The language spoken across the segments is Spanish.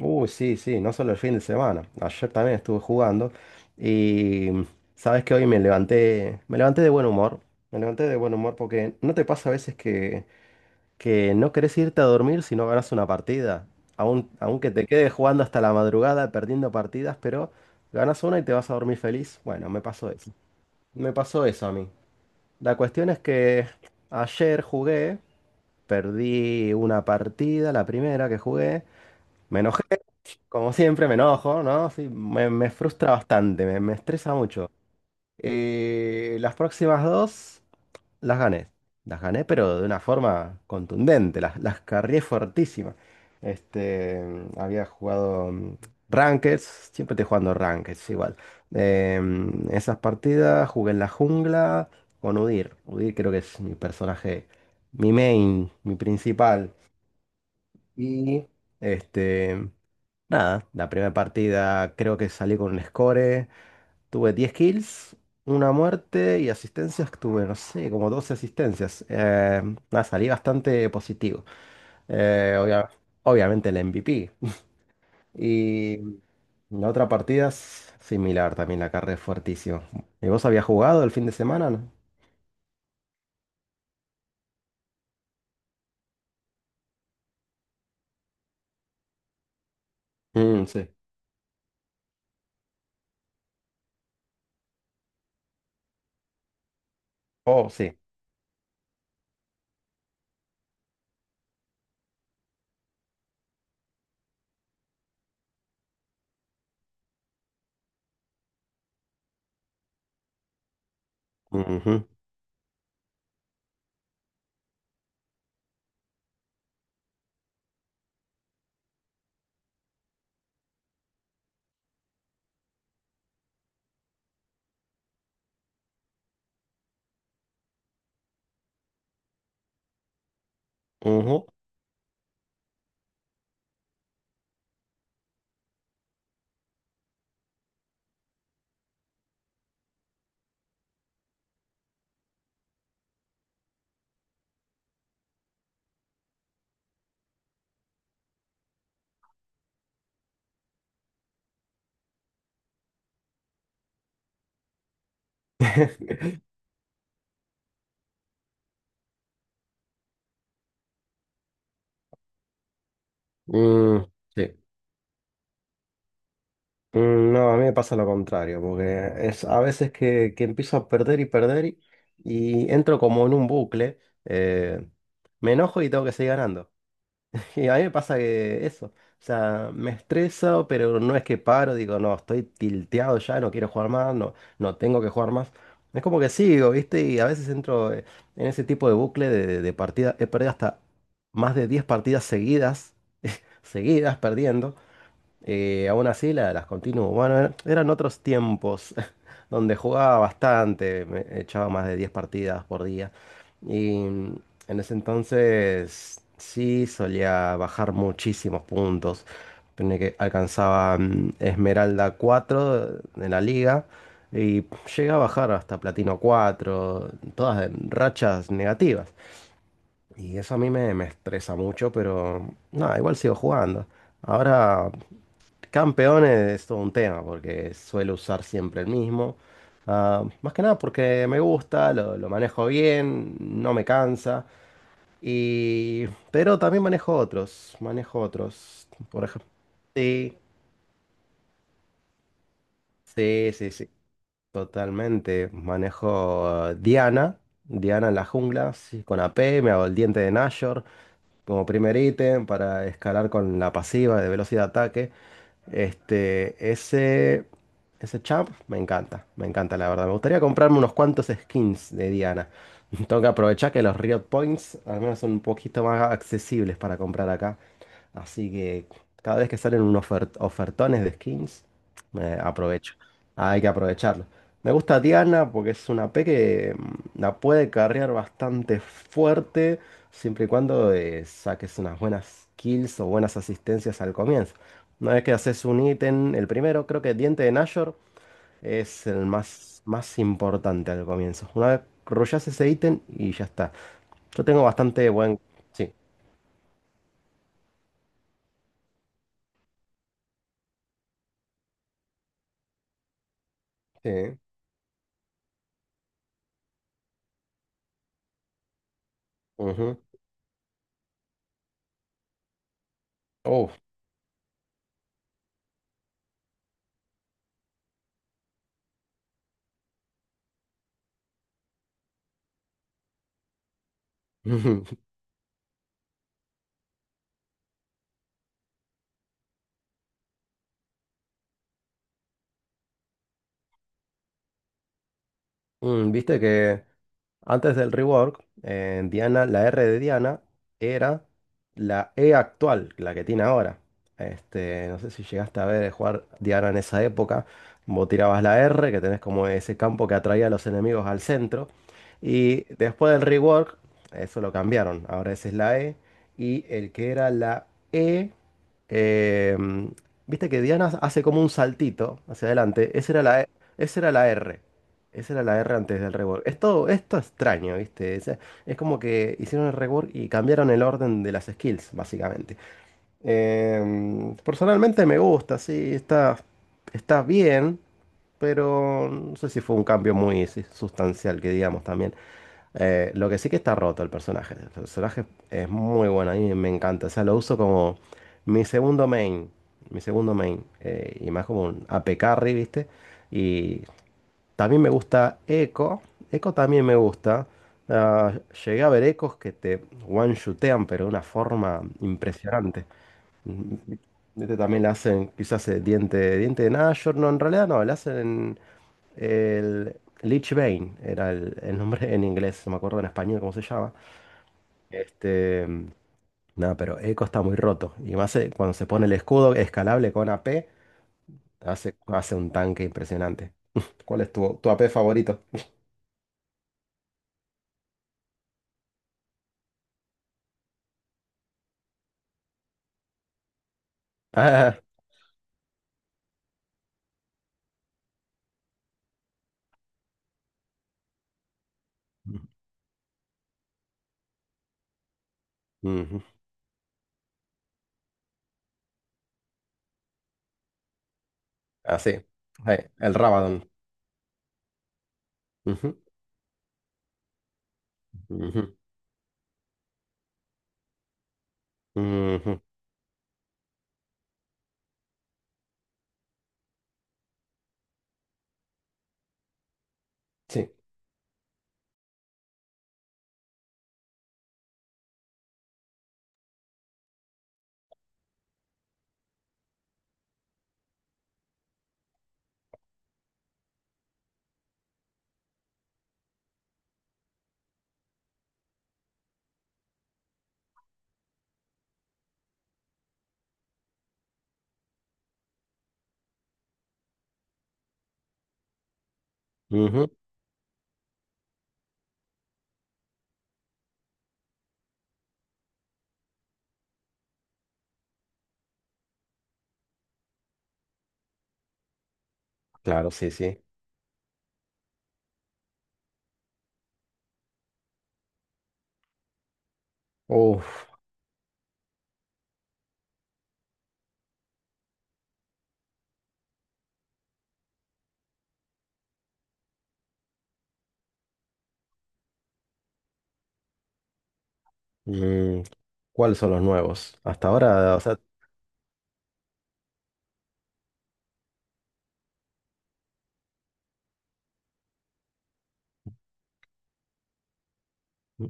Uy, sí, sí, no solo el fin de semana. Ayer también estuve jugando y sabes que hoy me levanté de buen humor. Me levanté de buen humor porque no te pasa a veces que no querés irte a dormir si no ganas una partida. Aunque te quedes jugando hasta la madrugada, perdiendo partidas, pero ganas una y te vas a dormir feliz. Bueno, me pasó eso. Me pasó eso a mí. La cuestión es que ayer jugué, perdí una partida, la primera que jugué, me enojé. Como siempre, me enojo, ¿no? Sí, me frustra bastante, me estresa mucho. Las próximas dos las gané. Las gané, pero de una forma contundente, las carrié fuertísima. Este, había jugado Rankeds, siempre estoy jugando Rankeds igual. Esas partidas jugué en la jungla con Udyr. Udyr creo que es mi personaje, mi main, mi principal. Y este. Nada, la primera partida creo que salí con un score. Tuve 10 kills, una muerte y asistencias. Tuve, no sé, como 12 asistencias. Nada, salí bastante positivo. Eh, obvia- Obviamente el MVP. Y la otra partida es similar, también la carré fuertísimo. ¿Y vos habías jugado el fin de semana, no? Mm, sí. Oh, sí. Ujú, ujú. Mm, sí. Mm, no, a mí me pasa lo contrario, porque es a veces que empiezo a perder y perder y entro como en un bucle, eh, me enojo y tengo que seguir ganando. Y a mí me pasa que eso, o sea, me estreso, pero no es que paro, digo, no, estoy tilteado ya, no quiero jugar más, no, no tengo que jugar más. Es como que sigo, ¿viste? Y a veces entro en ese tipo de bucle de partida, he perdido hasta más de 10 partidas seguidas, seguidas perdiendo. Aún así las continuo. Bueno, eran otros tiempos donde jugaba bastante, me echaba más de 10 partidas por día. Y en ese entonces sí solía bajar muchísimos puntos. Tenía que alcanzaba Esmeralda 4 en la liga y llegué a bajar hasta Platino 4, todas en rachas negativas. Y eso a mí me estresa mucho, pero no, igual sigo jugando. Ahora Campeones es todo un tema porque suelo usar siempre el mismo. Ah, más que nada porque me gusta, lo manejo bien, no me cansa. Y... pero también manejo otros, manejo otros. Por ejemplo, sí, sí, sí, sí, totalmente. Manejo Diana, Diana en la jungla, sí, con AP, me hago el diente de Nashor. Como primer ítem para escalar con la pasiva de velocidad de ataque. Este, ese champ me encanta la verdad. Me gustaría comprarme unos cuantos skins de Diana. Tengo que aprovechar que los Riot Points al menos son un poquito más accesibles para comprar acá. Así que cada vez que salen unos ofertones de skins, me aprovecho. Hay que aprovecharlo. Me gusta Diana porque es una P que la puede carrear bastante fuerte. Siempre y cuando saques unas buenas kills o buenas asistencias al comienzo. Una vez que haces un ítem, el primero, creo que Diente de Nashor es el más, más importante al comienzo. Una vez rushas ese ítem y ya está. Yo tengo bastante buen... Sí. Sí. Ujú. Oh. Mm, viste que antes del rework, en Diana, la R de Diana era la E actual, la que tiene ahora. Este, no sé si llegaste a ver jugar Diana en esa época. Vos tirabas la R, que tenés como ese campo que atraía a los enemigos al centro. Y después del rework, eso lo cambiaron. Ahora esa es la E. Y el que era la E, eh, viste que Diana hace como un saltito hacia adelante. Esa era la R. Esa era la R antes del rework. Esto extraño, ¿viste? Es como que hicieron el rework y cambiaron el orden de las skills, básicamente. Personalmente me gusta, sí, está, está bien, pero no sé si fue un cambio muy sí, sustancial, que digamos también. Lo que sí que está roto el personaje. El personaje es muy bueno, a mí me encanta. O sea, lo uso como mi segundo main. Mi segundo main. Y más como un AP carry, ¿viste? Y también me gusta Echo. Echo también me gusta. Ah, llegué a ver Echos que te one-shootean, pero de una forma impresionante. Mm, Este también le hacen quizás diente de Nashor. No, en realidad no, le hacen el Lich Bane, era el nombre en inglés, no me acuerdo en español cómo se llama. Este, nada, pero Echo está muy roto. Y más cuando se pone el escudo escalable con AP, hace, hace un tanque impresionante. ¿Cuál es tu, tu AP favorito? Ah, ujú. Así. Sí, el Rabadon. Ujú, ujú, ujú. Sí. Ujú. Claro, sí, sí. Uf. Mm, ¿cuáles son los nuevos? Hasta ahora, o sea,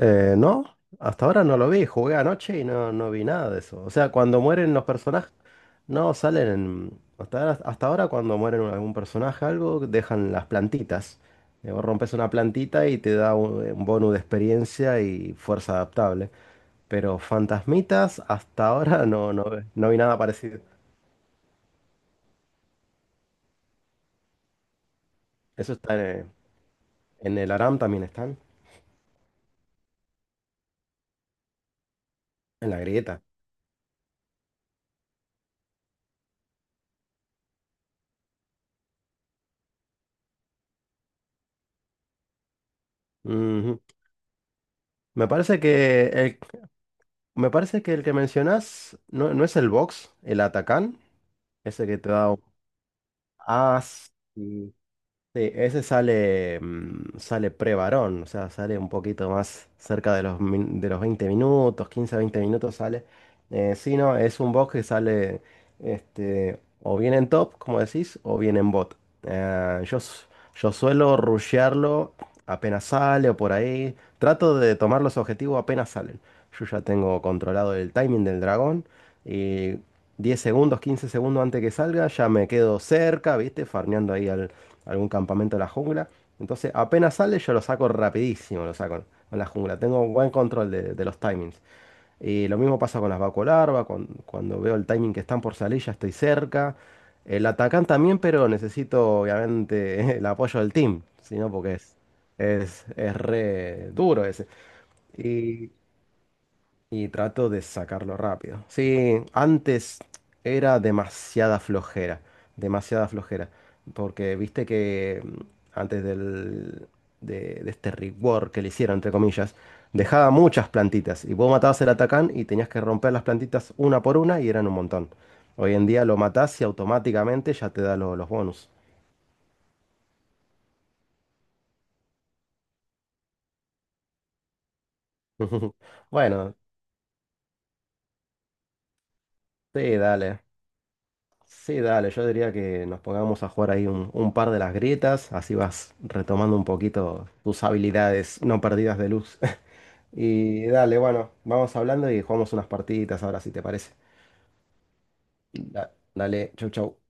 no. Hasta ahora no lo vi. Jugué anoche y no, no vi nada de eso. O sea, cuando mueren los personajes, no salen en- hasta ahora, hasta ahora cuando mueren algún personaje, algo, dejan las plantitas. Vos rompes una plantita y te da un bonus de experiencia y fuerza adaptable. Pero fantasmitas hasta ahora no, no, no vi nada parecido. Eso está en el Aram también están, en la grieta. Ujú. Me parece que el, me parece que el que mencionas no, no es el box, el Atacán, ese que te da... Ah, sí. Sí, ese sale, sale pre-varón, o sea, sale un poquito más cerca de los, de los 20 minutos, 15 a 20 minutos sale. Sí, no, es un bot que sale este, o bien en top, como decís, o bien en bot. Eh, yo, s- yo suelo rushearlo apenas sale o por ahí. Trato de tomar los objetivos apenas salen. Yo ya tengo controlado el timing del dragón y 10 segundos, 15 segundos antes que salga, ya me quedo cerca, ¿viste? Farmeando ahí algún campamento de la jungla. Entonces, apenas sale, yo lo saco rapidísimo, lo saco en la jungla. Tengo un buen control de los timings. Y lo mismo pasa con las vacolarvas, cuando veo el timing que están por salir, ya estoy cerca. El atacán también, pero necesito obviamente el apoyo del team, sino porque es re duro ese. Y y trato de sacarlo rápido. Sí, antes era demasiada flojera, demasiada flojera. Porque viste que antes del, de, de este rework que le hicieron, entre comillas, dejaba muchas plantitas. Y vos matabas el atacán y tenías que romper las plantitas una por una y eran un montón. Hoy en día lo matás y automáticamente ya te da los bonus. Bueno, sí, dale. Sí, dale, yo diría que nos pongamos a jugar ahí un par de las grietas, así vas retomando un poquito tus habilidades no perdidas de luz. Y dale, bueno, vamos hablando y jugamos unas partiditas ahora si te parece. Da- Dale, chau, chau.